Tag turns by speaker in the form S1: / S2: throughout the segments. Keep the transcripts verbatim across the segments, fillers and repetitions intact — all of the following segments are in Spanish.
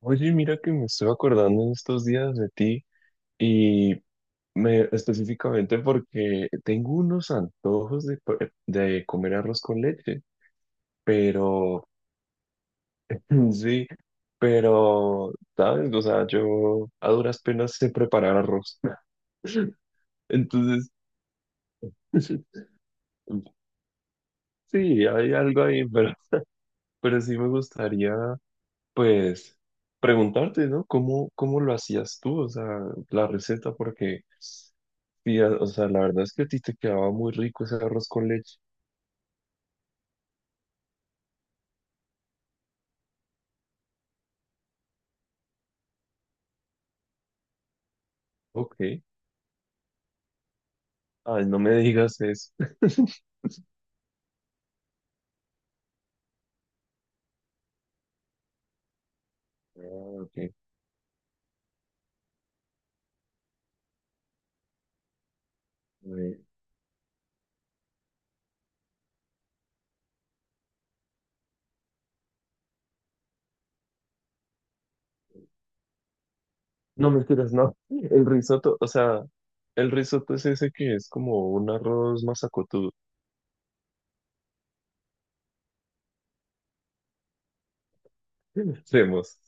S1: Oye, mira que me estoy acordando en estos días de ti y me, específicamente porque tengo unos antojos de, co- eh, de comer arroz con leche, pero sí, pero, ¿sabes? O sea, yo a duras penas sé preparar arroz. Entonces, sí, hay algo ahí, pero, pero sí me gustaría pues preguntarte, ¿no? ¿Cómo, cómo lo hacías tú? O sea, la receta, porque, sí, a- o sea, la verdad es que a ti te quedaba muy rico ese arroz con leche. Ok. Ay, no me digas eso. Ah, ok. Eh, No mentiras, no. El risotto, o sea, el risotto es ese que es como un arroz masacotudo. Hacemos.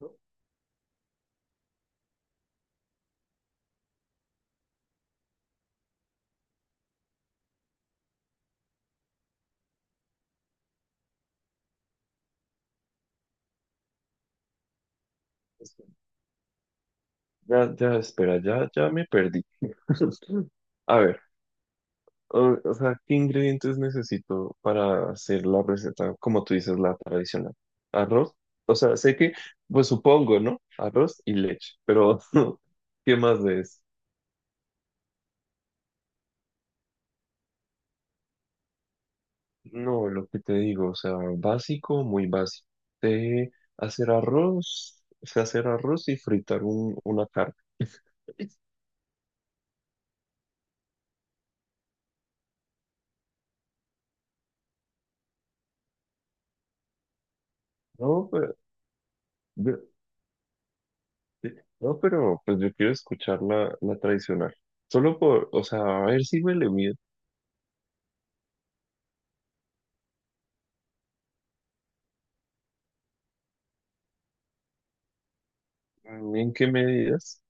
S1: Ya, ya, espera, ya, ya me perdí. A ver. O, o sea, ¿qué ingredientes necesito para hacer la receta, como tú dices, la tradicional? Arroz. O sea, sé que, pues supongo, ¿no? Arroz y leche, pero ¿qué más de eso? No, lo que te digo, o sea, básico, muy básico. Sé hacer arroz, sé hacer arroz y fritar un- una carne. No, pero, de- no, pero pues yo quiero escuchar la, la tradicional. Solo por, o sea, a ver si me le mido. ¿En qué medidas?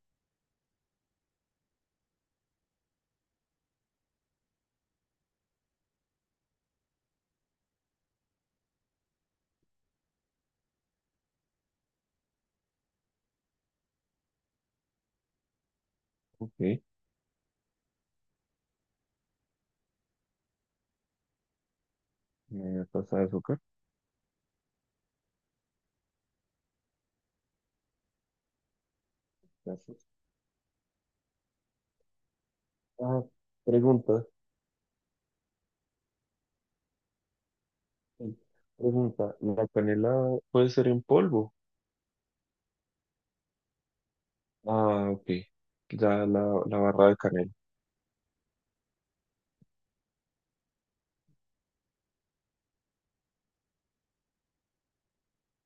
S1: Ok. Eh, pasta de azúcar. Gracias. Ah, pregunta. Sí, pregunta. ¿La canela puede ser en polvo? Ah, ok. Ya la, la barra de canela.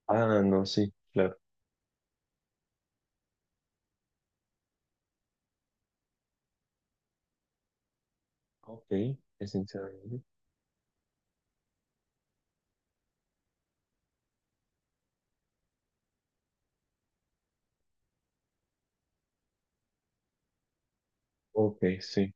S1: Ah, no, sí, claro. Ok, esencia de vainilla. Ok, sí.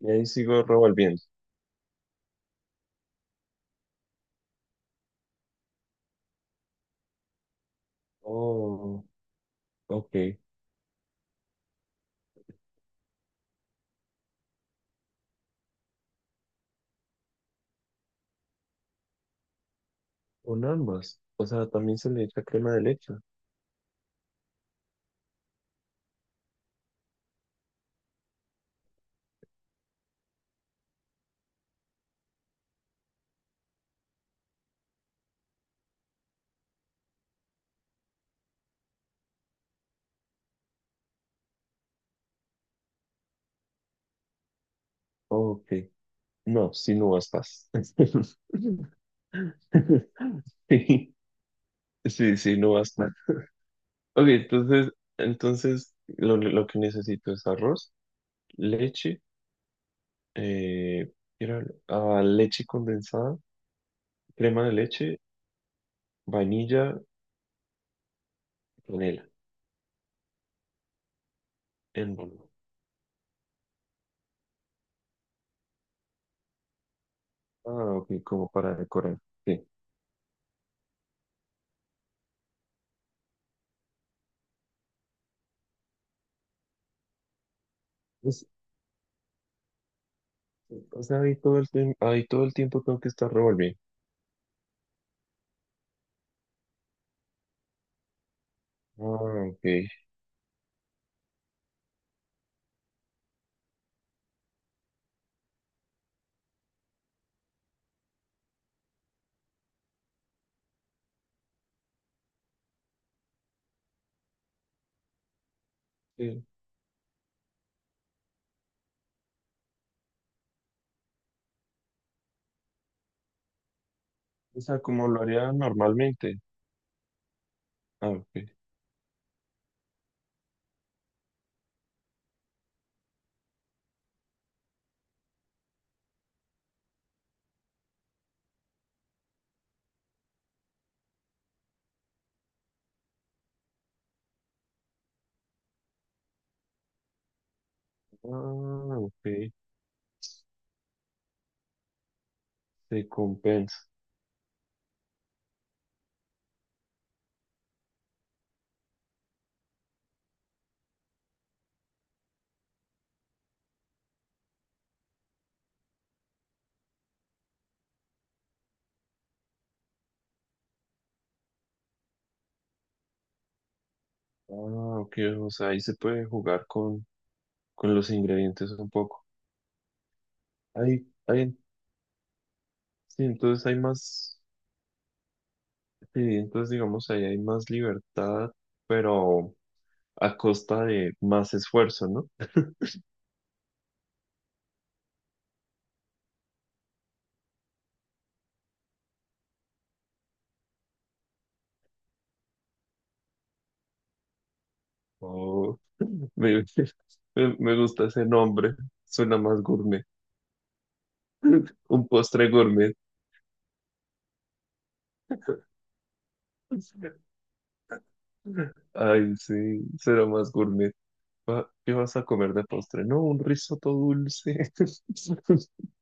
S1: Y ahí sigo revolviendo. Oh, ok. Con ambas. O sea, también se le echa crema de leche. Ok. No, sin uvas pasas. Sí, sí, sin uvas. Ok, entonces, entonces lo, lo que necesito es arroz, leche, eh, era- ah, leche condensada, crema de leche, vainilla, canela. En polvo. Ah, ok, como para decorar. Sí. Es- o sea, ahí todo el, tem- ahí todo el tiempo tengo que estar revolviendo. Ah, ok. Sí. O sea, como lo haría normalmente. Ah, ok. Ah, ok. Se compensa. Ah, ok. O sea, ahí se puede jugar con, con los ingredientes un poco. Hay, hay, sí, entonces hay más, sí, entonces digamos ahí hay más libertad, pero a costa de más esfuerzo, ¿no? Oh, me, me me gusta ese nombre, suena más gourmet, un postre gourmet. Ay, sí, será más gourmet. Va- ¿Qué vas a comer de postre? No, un risotto dulce.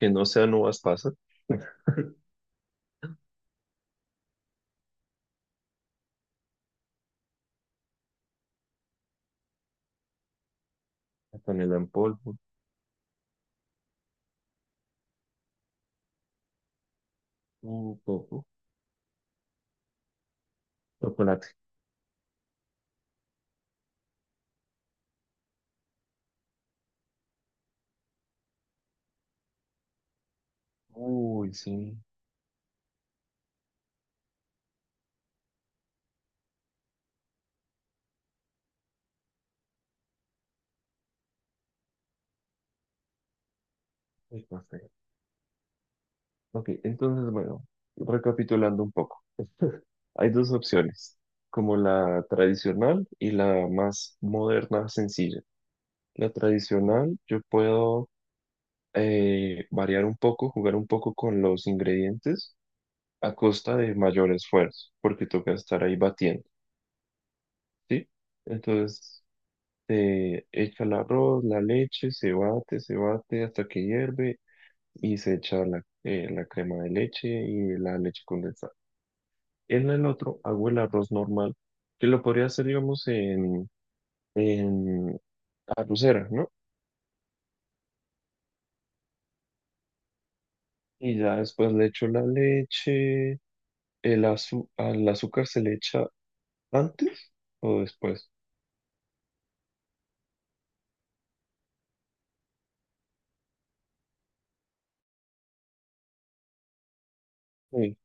S1: Que no sean uvas pasas. La canela en polvo. Un poco. Chocolate. Uy, sí. Ay, no. Ok, entonces, bueno, recapitulando un poco, hay dos opciones, como la tradicional y la más moderna, sencilla. La tradicional, yo puedo eh, variar un poco, jugar un poco con los ingredientes a costa de mayor esfuerzo, porque toca estar ahí batiendo, ¿sí? Entonces, se echa el arroz, la leche, se bate, se bate hasta que hierve y se echa la, eh, la crema de leche y la leche condensada. En el otro hago el arroz normal, que lo podría hacer, digamos, en, en arrocera, ¿no? Y ya después le echo la leche, el azu- al azúcar se le echa antes o después. Sí.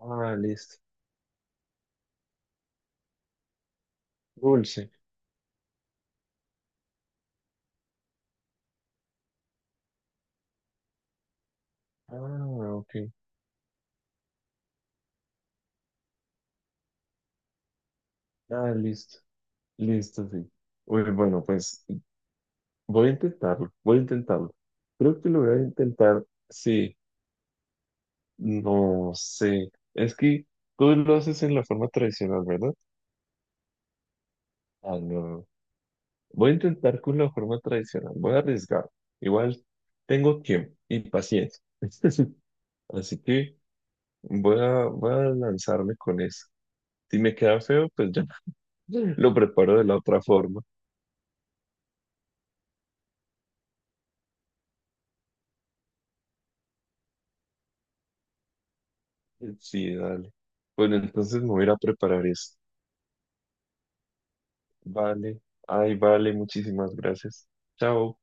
S1: Ah, listo. Dulce. Ah, ok. Ah, listo. Listo, sí. Uy, bueno, pues voy a intentarlo, voy a intentarlo. Creo que lo voy a intentar, sí, no sé. Es que tú lo haces en la forma tradicional, ¿verdad? Ah, no, no, no. Voy a intentar con la forma tradicional. Voy a arriesgar. Igual tengo tiempo y paciencia. Así que voy a, voy a lanzarme con eso. Si me queda feo, pues ya lo preparo de la otra forma. Sí, dale. Bueno, entonces me voy a ir a preparar eso. Vale. Ay, vale. Muchísimas gracias. Chao.